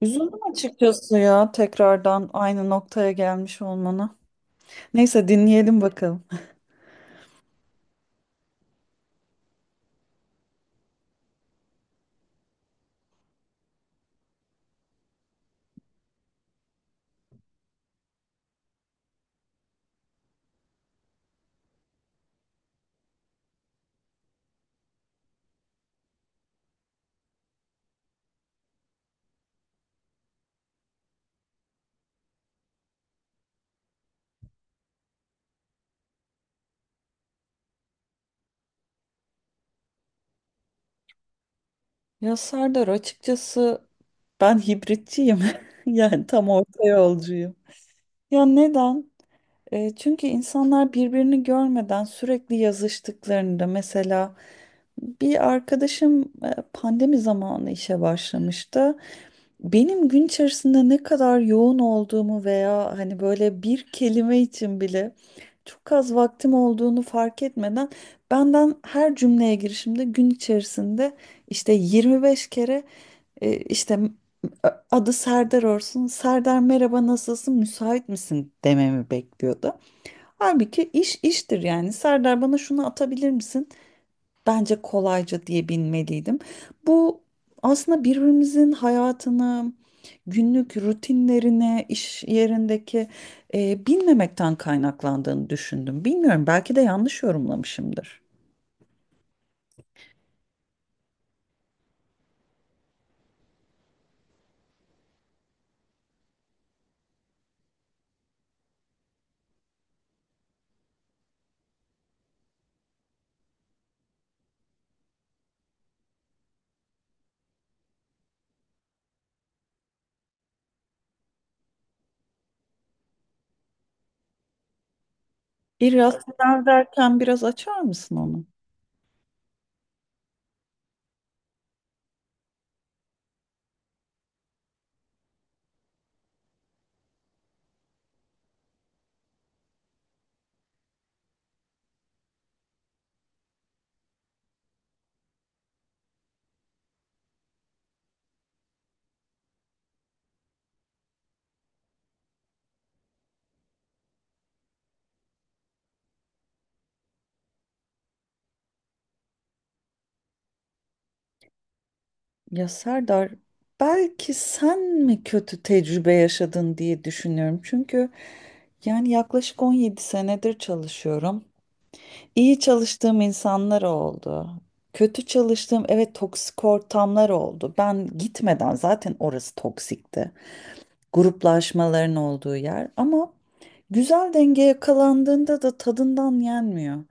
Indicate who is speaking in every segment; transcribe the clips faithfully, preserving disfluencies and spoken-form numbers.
Speaker 1: Üzüldüm açıkçası ya tekrardan aynı noktaya gelmiş olmana. Neyse dinleyelim bakalım. Ya Serdar, açıkçası ben hibritçiyim. Yani tam orta yolcuyum. Ya neden? E, çünkü insanlar birbirini görmeden sürekli yazıştıklarında mesela bir arkadaşım e, pandemi zamanı işe başlamıştı. Benim gün içerisinde ne kadar yoğun olduğumu veya hani böyle bir kelime için bile çok az vaktim olduğunu fark etmeden benden her cümleye girişimde gün içerisinde işte yirmi beş kere e, işte adı Serdar olsun. Serdar, merhaba, nasılsın, müsait misin dememi bekliyordu. Halbuki iş iştir yani. Serdar, bana şunu atabilir misin? Bence kolayca diye bilmeliydim. Bu aslında birbirimizin hayatını, günlük rutinlerine, iş yerindeki e, bilmemekten kaynaklandığını düşündüm. Bilmiyorum, belki de yanlış yorumlamışımdır. İrrasyonel derken biraz açar mısın onu? Ya Serdar, belki sen mi kötü tecrübe yaşadın diye düşünüyorum. Çünkü yani yaklaşık on yedi senedir çalışıyorum. İyi çalıştığım insanlar oldu. Kötü çalıştığım, evet, toksik ortamlar oldu. Ben gitmeden zaten orası toksikti. Gruplaşmaların olduğu yer, ama güzel denge yakalandığında da tadından yenmiyor.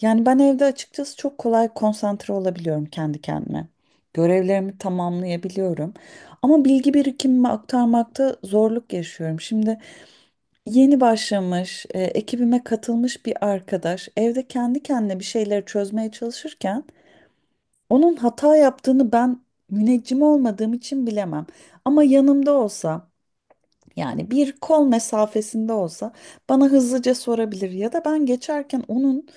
Speaker 1: Yani ben evde açıkçası çok kolay konsantre olabiliyorum kendi kendime. Görevlerimi tamamlayabiliyorum. Ama bilgi birikimimi aktarmakta zorluk yaşıyorum. Şimdi yeni başlamış, e, ekibime katılmış bir arkadaş evde kendi kendine bir şeyleri çözmeye çalışırken onun hata yaptığını ben müneccim olmadığım için bilemem. Ama yanımda olsa, yani bir kol mesafesinde olsa, bana hızlıca sorabilir ya da ben geçerken onun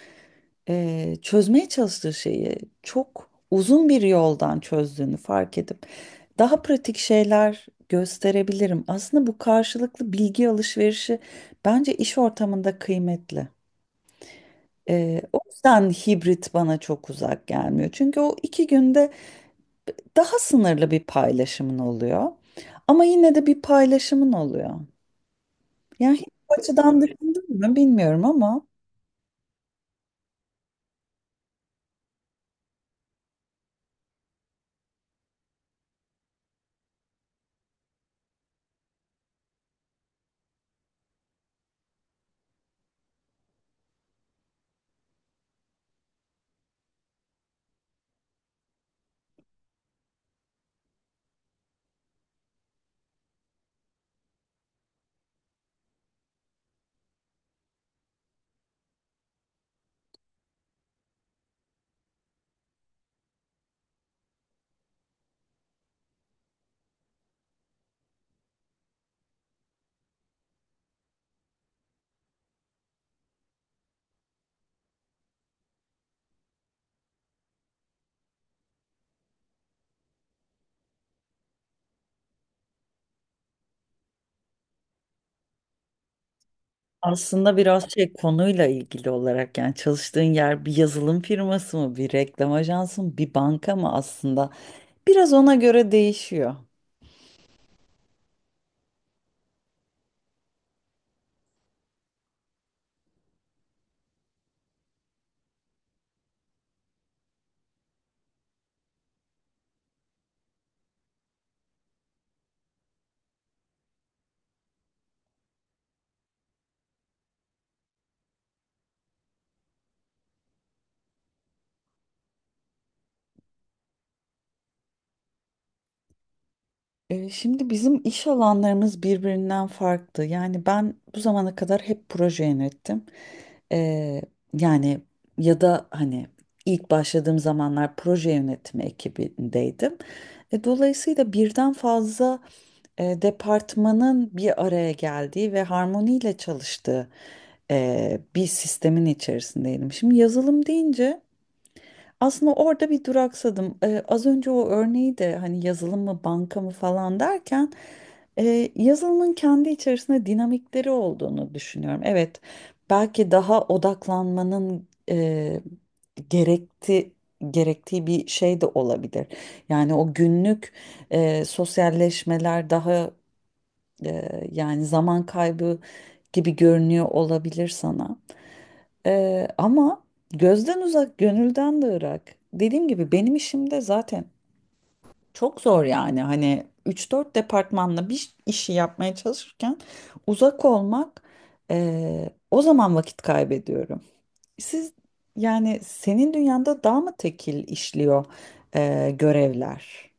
Speaker 1: e, çözmeye çalıştığı şeyi çok uzun bir yoldan çözdüğünü fark edip daha pratik şeyler gösterebilirim. Aslında bu karşılıklı bilgi alışverişi bence iş ortamında kıymetli. E, o yüzden hibrit bana çok uzak gelmiyor. Çünkü o iki günde daha sınırlı bir paylaşımın oluyor. Ama yine de bir paylaşımın oluyor. Yani hiç bu açıdan düşündün mü bilmiyorum ama. Aslında biraz şey, konuyla ilgili olarak, yani çalıştığın yer bir yazılım firması mı, bir reklam ajansı mı, bir banka mı, aslında biraz ona göre değişiyor. Ee, şimdi bizim iş alanlarımız birbirinden farklı. Yani ben bu zamana kadar hep proje yönettim. Ee, yani ya da hani ilk başladığım zamanlar proje yönetimi ekibindeydim. E, dolayısıyla birden fazla e, departmanın bir araya geldiği ve harmoniyle çalıştığı e, bir sistemin içerisindeydim. Şimdi yazılım deyince aslında orada bir duraksadım. E, az önce o örneği de, hani yazılım mı banka mı falan derken, e, yazılımın kendi içerisinde dinamikleri olduğunu düşünüyorum. Evet, belki daha odaklanmanın e, gerekti gerektiği bir şey de olabilir. Yani o günlük e, sosyalleşmeler daha Eee, yani zaman kaybı gibi görünüyor olabilir sana. Eee, ama gözden uzak, gönülden de ırak. Dediğim gibi benim işimde zaten çok zor yani. Hani üç dört departmanla bir işi yapmaya çalışırken uzak olmak, eee, o zaman vakit kaybediyorum. Siz yani senin dünyanda daha mı tekil işliyor eee, görevler?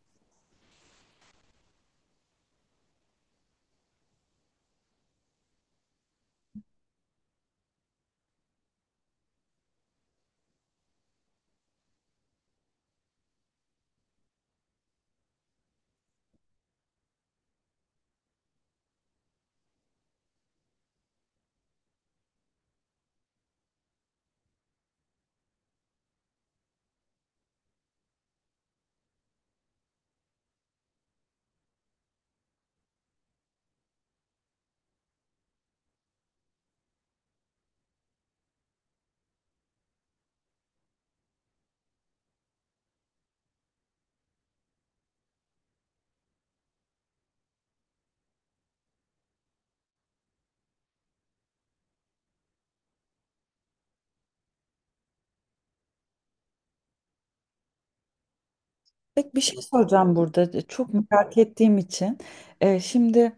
Speaker 1: Peki bir şey soracağım burada çok merak ettiğim için. Eee, şimdi...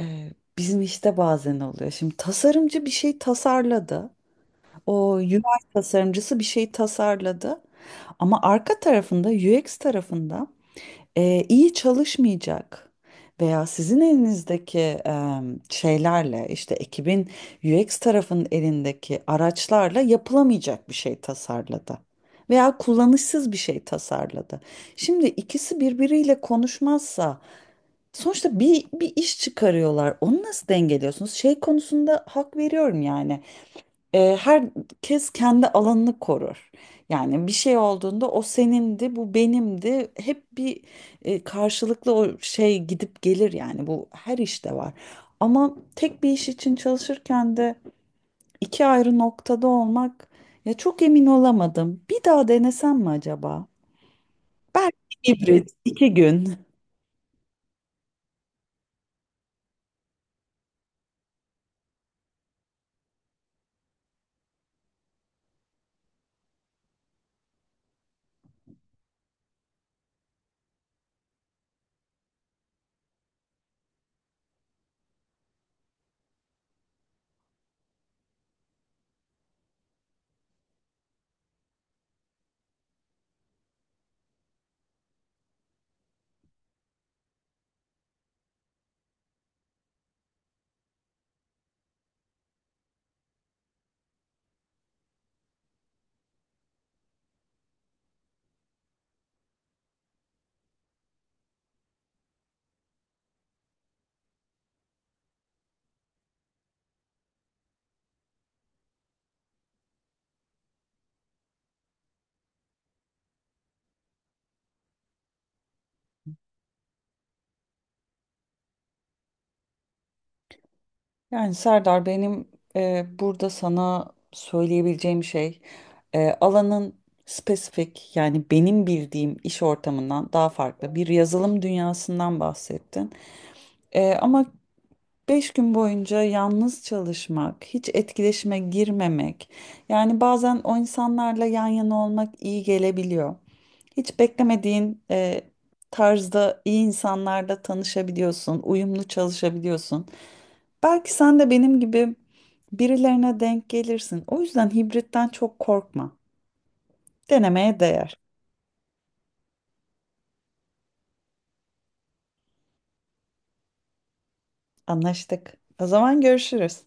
Speaker 1: Ee, Bizim işte bazen oluyor. Şimdi tasarımcı bir şey tasarladı. O U I tasarımcısı bir şey tasarladı. Ama arka tarafında U X tarafında e, iyi çalışmayacak veya sizin elinizdeki e, şeylerle, işte, ekibin U X tarafının elindeki araçlarla yapılamayacak bir şey tasarladı. Veya kullanışsız bir şey tasarladı. Şimdi ikisi birbiriyle konuşmazsa sonuçta bir, bir iş çıkarıyorlar. Onu nasıl dengeliyorsunuz? Şey konusunda hak veriyorum yani. E, herkes kendi alanını korur. Yani bir şey olduğunda o senindi, bu benimdi. Hep bir e, karşılıklı o şey gidip gelir, yani bu her işte var. Ama tek bir iş için çalışırken de iki ayrı noktada olmak, ya, çok emin olamadım. Bir daha denesem mi acaba? Belki hibrit, iki gün. Yani Serdar, benim e, burada sana söyleyebileceğim şey, e, alanın spesifik, yani benim bildiğim iş ortamından daha farklı bir yazılım dünyasından bahsettin. E, ama beş gün boyunca yalnız çalışmak, hiç etkileşime girmemek, yani bazen o insanlarla yan yana olmak iyi gelebiliyor. Hiç beklemediğin e, tarzda iyi insanlarla tanışabiliyorsun, uyumlu çalışabiliyorsun. Belki sen de benim gibi birilerine denk gelirsin. O yüzden hibritten çok korkma. Denemeye değer. Anlaştık. O zaman görüşürüz.